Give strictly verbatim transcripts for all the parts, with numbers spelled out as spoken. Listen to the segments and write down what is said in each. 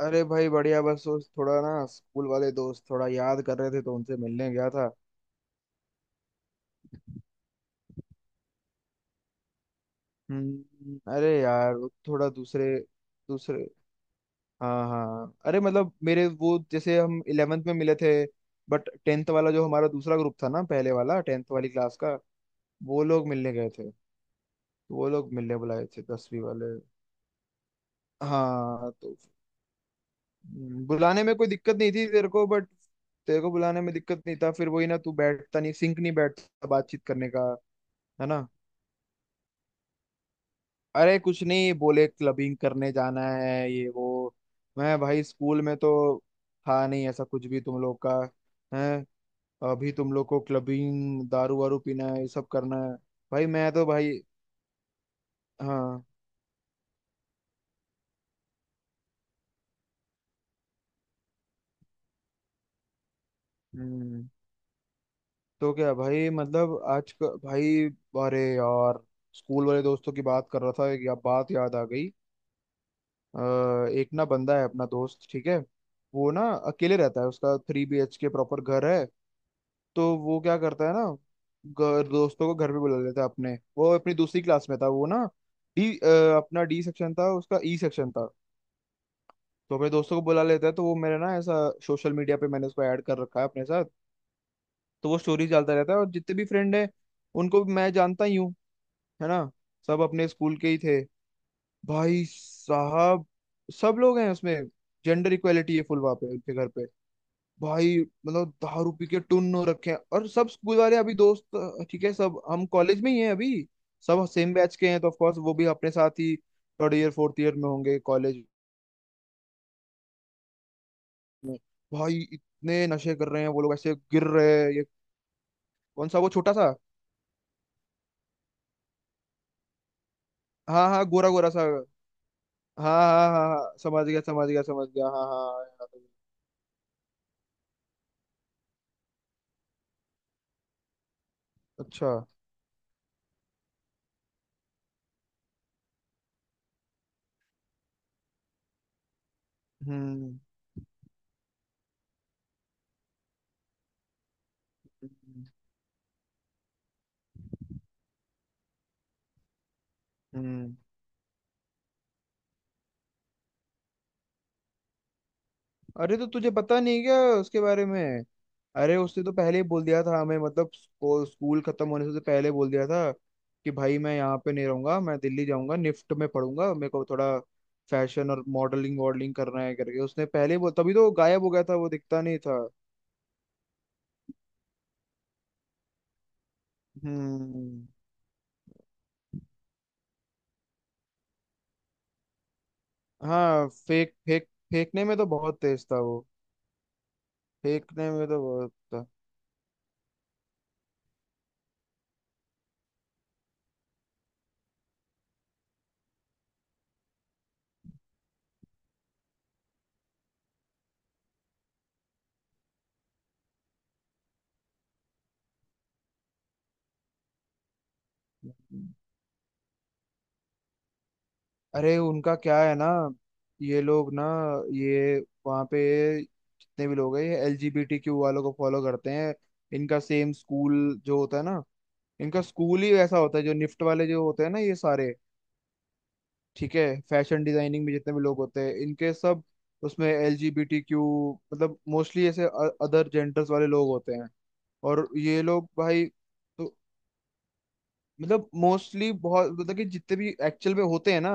अरे भाई बढ़िया। बस उस थोड़ा ना स्कूल वाले दोस्त थोड़ा याद कर रहे थे, तो उनसे मिलने गया था। हम्म, अरे यार वो थोड़ा दूसरे। दूसरे। हाँ हाँ, अरे मतलब मेरे वो, जैसे हम इलेवेंथ में मिले थे। बट टेंथ वाला जो हमारा दूसरा ग्रुप था ना, पहले वाला, टेंथ वाली क्लास का वो लोग मिलने गए थे। तो वो लोग मिलने बुलाए थे दसवीं वाले। हाँ तो, हम्म, बुलाने में कोई दिक्कत नहीं थी तेरे को, बट तेरे को बुलाने में दिक्कत नहीं था। फिर वही ना, तू बैठता नहीं, सिंक नहीं बैठता बातचीत करने का, है ना। अरे कुछ नहीं, बोले क्लबिंग करने जाना है, ये वो। मैं भाई स्कूल में तो था नहीं ऐसा कुछ भी, तुम लोग का है। अभी तुम लोग को क्लबिंग, दारू वारू पीना है, ये सब करना है। भाई मैं तो भाई। हाँ। हम्म तो क्या भाई, मतलब आज का भाई। अरे यार, स्कूल वाले दोस्तों की बात कर रहा था, एक या बात याद आ गई। अ, एक ना बंदा है अपना दोस्त, ठीक है। वो ना अकेले रहता है, उसका three B H K proper घर है। तो वो क्या करता है ना, घर- दोस्तों को घर पे बुला लेता है अपने। वो अपनी दूसरी क्लास में था वो ना, डी अ, अपना डी सेक्शन था, उसका ई सेक्शन था। तो अपने दोस्तों को बुला लेता है, तो वो मेरा ना ऐसा, सोशल मीडिया पे मैंने उसको ऐड कर रखा है अपने साथ। तो वो स्टोरीज डालता रहता है, और जितने भी फ्रेंड है उनको भी मैं जानता ही हूँ, है ना। सब अपने स्कूल के ही थे भाई साहब। सब लोग हैं उसमें, जेंडर इक्वेलिटी है फुल वहाँ पे उनके घर पे भाई। मतलब दारू पी के टुन्न हो रखे हैं, और सब स्कूल वाले अभी दोस्त। ठीक है, सब हम कॉलेज में ही हैं अभी। सब सेम बैच के हैं, तो ऑफ कोर्स वो भी अपने साथ ही थर्ड ईयर फोर्थ ईयर में होंगे कॉलेज में। भाई इतने नशे कर रहे हैं वो लोग, ऐसे गिर रहे हैं ये। कौन सा? वो छोटा सा? हाँ हाँ, गोरा गोरा सा, हाँ। हाँ हाँ हाँ हाँ, समझ गया समझ गया समझ गया, हाँ हाँ याद आ गया। अच्छा। हम्म। हम्म। हम्म। अरे तो तुझे पता नहीं क्या उसके बारे में। अरे उसने तो पहले ही बोल दिया था हमें, मतलब स्कू- स्कूल खत्म होने से पहले बोल दिया था कि भाई मैं यहाँ पे नहीं रहूंगा, मैं दिल्ली जाऊंगा, निफ्ट में पढ़ूंगा, मेरे को थोड़ा फैशन और मॉडलिंग वॉडलिंग करना है करके। उसने पहले ही बोल, तभी तो वो गायब हो गया था, वो दिखता नहीं था। हम्म। हाँ फेंक फेंक। फेंकने में तो बहुत तेज था वो। फेंकने में तो बहुत था। अरे उनका क्या है ना, ये लोग ना, ये वहाँ पे जितने भी लोग हैं, ये एलजीबीटीक्यू वालों को फॉलो करते हैं। इनका सेम स्कूल जो होता है ना, इनका स्कूल ही वैसा होता है, जो निफ्ट वाले जो होते हैं ना, ये सारे, ठीक है। फैशन डिजाइनिंग में जितने भी लोग होते हैं इनके, सब उसमें एलजीबीटीक्यू, मतलब मोस्टली ऐसे अदर जेंडर्स वाले लोग होते हैं। और ये लोग भाई तो, मतलब मोस्टली बहुत, मतलब कि जितने भी एक्चुअल में होते हैं ना,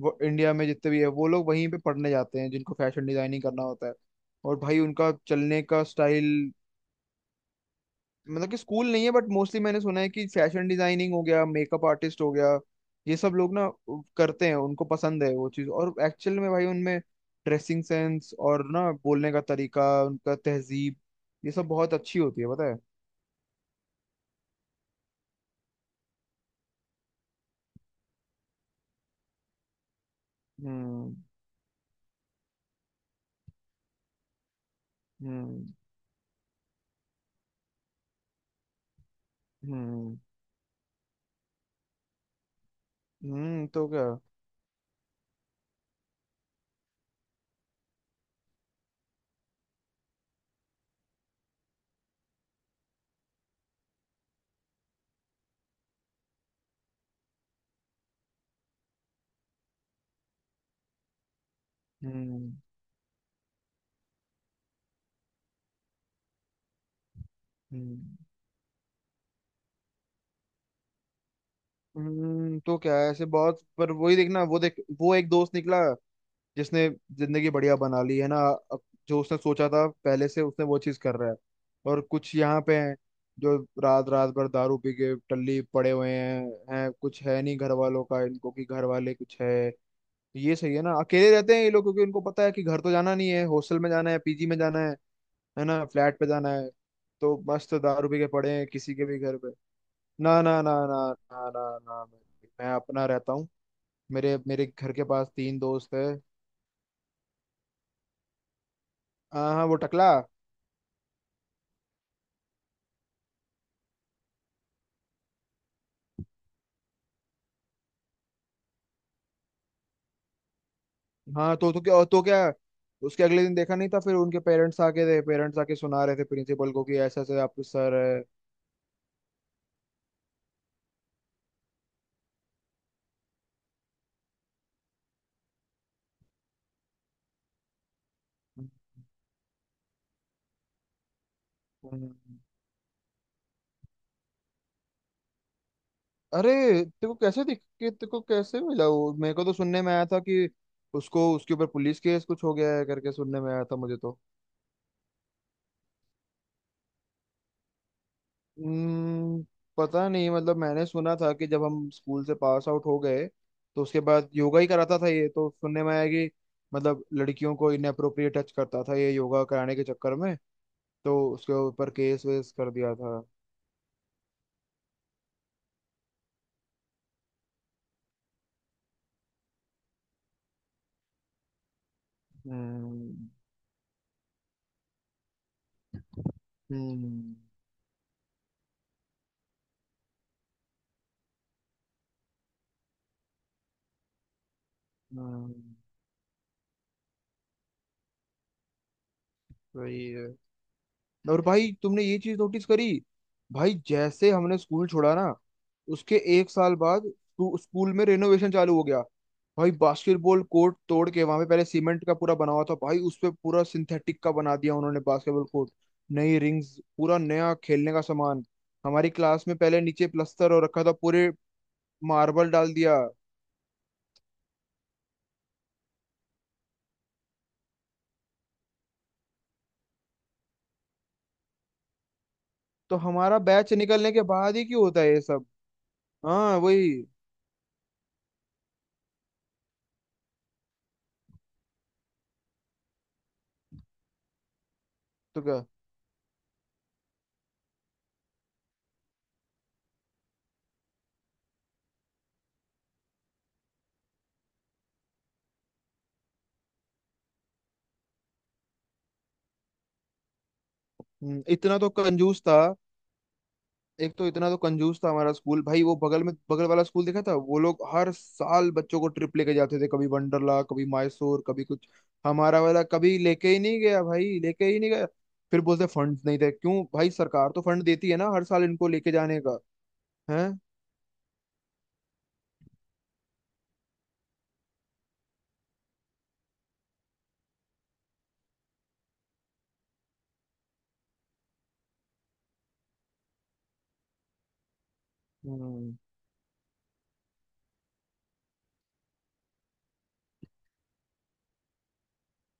वो इंडिया में जितने भी है वो लोग वहीं पे पढ़ने जाते हैं, जिनको फैशन डिजाइनिंग करना होता है। और भाई उनका चलने का स्टाइल, मतलब कि स्कूल नहीं है बट मोस्टली मैंने सुना है कि फैशन डिजाइनिंग हो गया, मेकअप आर्टिस्ट हो गया, ये सब लोग ना करते हैं, उनको पसंद है वो चीज़। और एक्चुअल में भाई उनमें ड्रेसिंग सेंस, और ना बोलने का तरीका उनका, तहजीब, ये सब बहुत अच्छी होती है पता है। हम्म। हम्म। हम्म। हम्म तो क्या। हम्म। हम्म। हम्म, तो क्या है, ऐसे बहुत, पर वही देखना वो देख। वो एक दोस्त निकला, जिसने जिंदगी बढ़िया बना ली है ना। अब जो उसने सोचा था पहले से, उसने वो चीज कर रहा है। और कुछ यहाँ पे हैं जो रात रात भर दारू पी के टल्ली पड़े हुए हैं। हैं कुछ है नहीं घर वालों का इनको, कि घर वाले कुछ है। ये सही है ना, अकेले रहते हैं ये लोग, क्योंकि इनको पता है कि घर तो जाना नहीं है, हॉस्टल में जाना है, पीजी में जाना है है ना, फ्लैट पे जाना है। तो मस्त दारू पी के पड़े हैं किसी के भी घर पे। ना ना ना ना। ना ना ना। मैं अपना रहता हूँ। मेरे मेरे घर के पास तीन दोस्त है। हाँ हाँ वो टकला। हाँ तो, तो क्या तो क्या उसके अगले दिन देखा नहीं था। फिर उनके पेरेंट्स आके थे, पेरेंट्स आके सुना रहे थे प्रिंसिपल को, कि ऐसे ऐसे आपके सर है। हम्म। अरे, तेरे को कैसे दिख के तेरे को कैसे मिला वो। मेरे को तो सुनने में आया था कि उसको, उसके ऊपर पुलिस केस कुछ हो गया है करके, सुनने में आया था मुझे तो। हम्म, पता नहीं, मतलब मैंने सुना था कि जब हम स्कूल से पास आउट हो गए, तो उसके बाद योगा ही कराता था, ये तो सुनने में आया कि मतलब लड़कियों को इनएप्रोप्रिएट टच करता था, ये योगा कराने के चक्कर में। तो उसके ऊपर केस वेस कर दिया था। हम्म। हम्म। हम्म, सही है। और भाई तुमने ये चीज नोटिस करी, भाई जैसे हमने स्कूल छोड़ा ना, उसके एक साल बाद स्कू- स्कूल में रेनोवेशन चालू हो गया। भाई बास्केटबॉल कोर्ट तोड़ के, वहां पे पहले सीमेंट का पूरा बना हुआ था भाई, उस पे पूरा सिंथेटिक का बना दिया उन्होंने बास्केटबॉल कोर्ट। नई रिंग्स, पूरा नया खेलने का सामान। हमारी क्लास में पहले नीचे प्लस्तर हो रखा था पूरे, मार्बल डाल दिया। तो हमारा बैच निकलने के बाद ही क्यों होता है ये सब। हाँ वही। तो क्या। हम्म, इतना तो कंजूस था। एक तो इतना तो कंजूस था हमारा स्कूल भाई। वो बगल में, बगल वाला स्कूल देखा था, वो लोग हर साल बच्चों को ट्रिप लेके जाते थे, कभी वंडरला, कभी मैसूर, कभी कुछ। हमारा वाला कभी लेके ही नहीं गया भाई, लेके ही नहीं गया। फिर बोलते फंड्स नहीं थे, क्यों भाई, सरकार तो फंड देती है ना हर साल इनको लेके जाने का है। हम्म।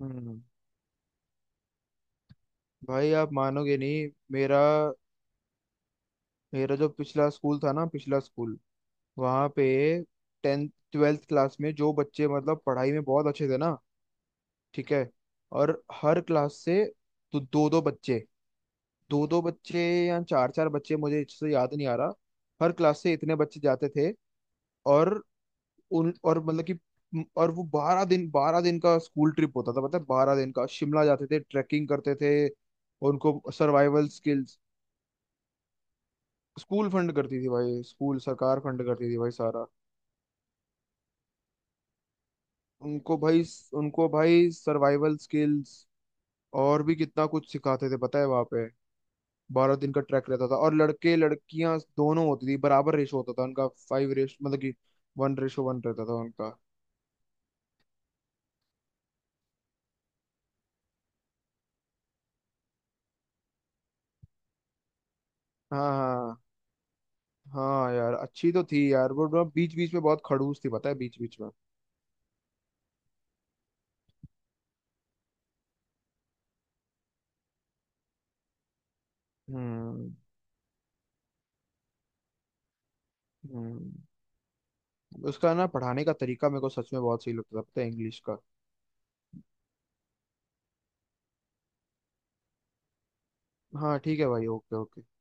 हम्म। भाई आप मानोगे नहीं मेरा। मेरा जो पिछला स्कूल था ना, पिछला स्कूल, वहां पे टेंथ ट्वेल्थ क्लास में जो बच्चे मतलब पढ़ाई में बहुत अच्छे थे ना, ठीक है, और हर क्लास से, तो दो दो बच्चे, दो दो बच्चे या चार चार बच्चे, मुझे अच्छे से याद नहीं आ रहा, हर क्लास से इतने बच्चे जाते थे। और उन और मतलब कि और वो बारह दिन, बारह दिन का स्कूल ट्रिप होता था, पता है, बारह दिन का, शिमला जाते थे, ट्रैकिंग करते थे, और उनको सर्वाइवल स्किल्स। स्कूल फंड करती थी भाई, स्कूल, सरकार फंड करती थी भाई सारा। उनको भाई, उनको भाई सर्वाइवल स्किल्स और भी कितना कुछ सिखाते थे पता है वहाँ पे। बारह दिन का ट्रैक रहता था, और लड़के लड़कियां दोनों होती थी, बराबर रेशो होता था उनका, फाइव रेश, मतलब कि वन रेशो वन रहता था उनका। हाँ हाँ। हाँ यार अच्छी तो थी यार वो, बीच बीच में बहुत खड़ूस थी पता है, बीच बीच में। हम्म। हम्म। उसका ना पढ़ाने का तरीका मेरे को सच में बहुत सही लगता था, पता है, इंग्लिश का। हाँ ठीक है भाई, ओके ओके।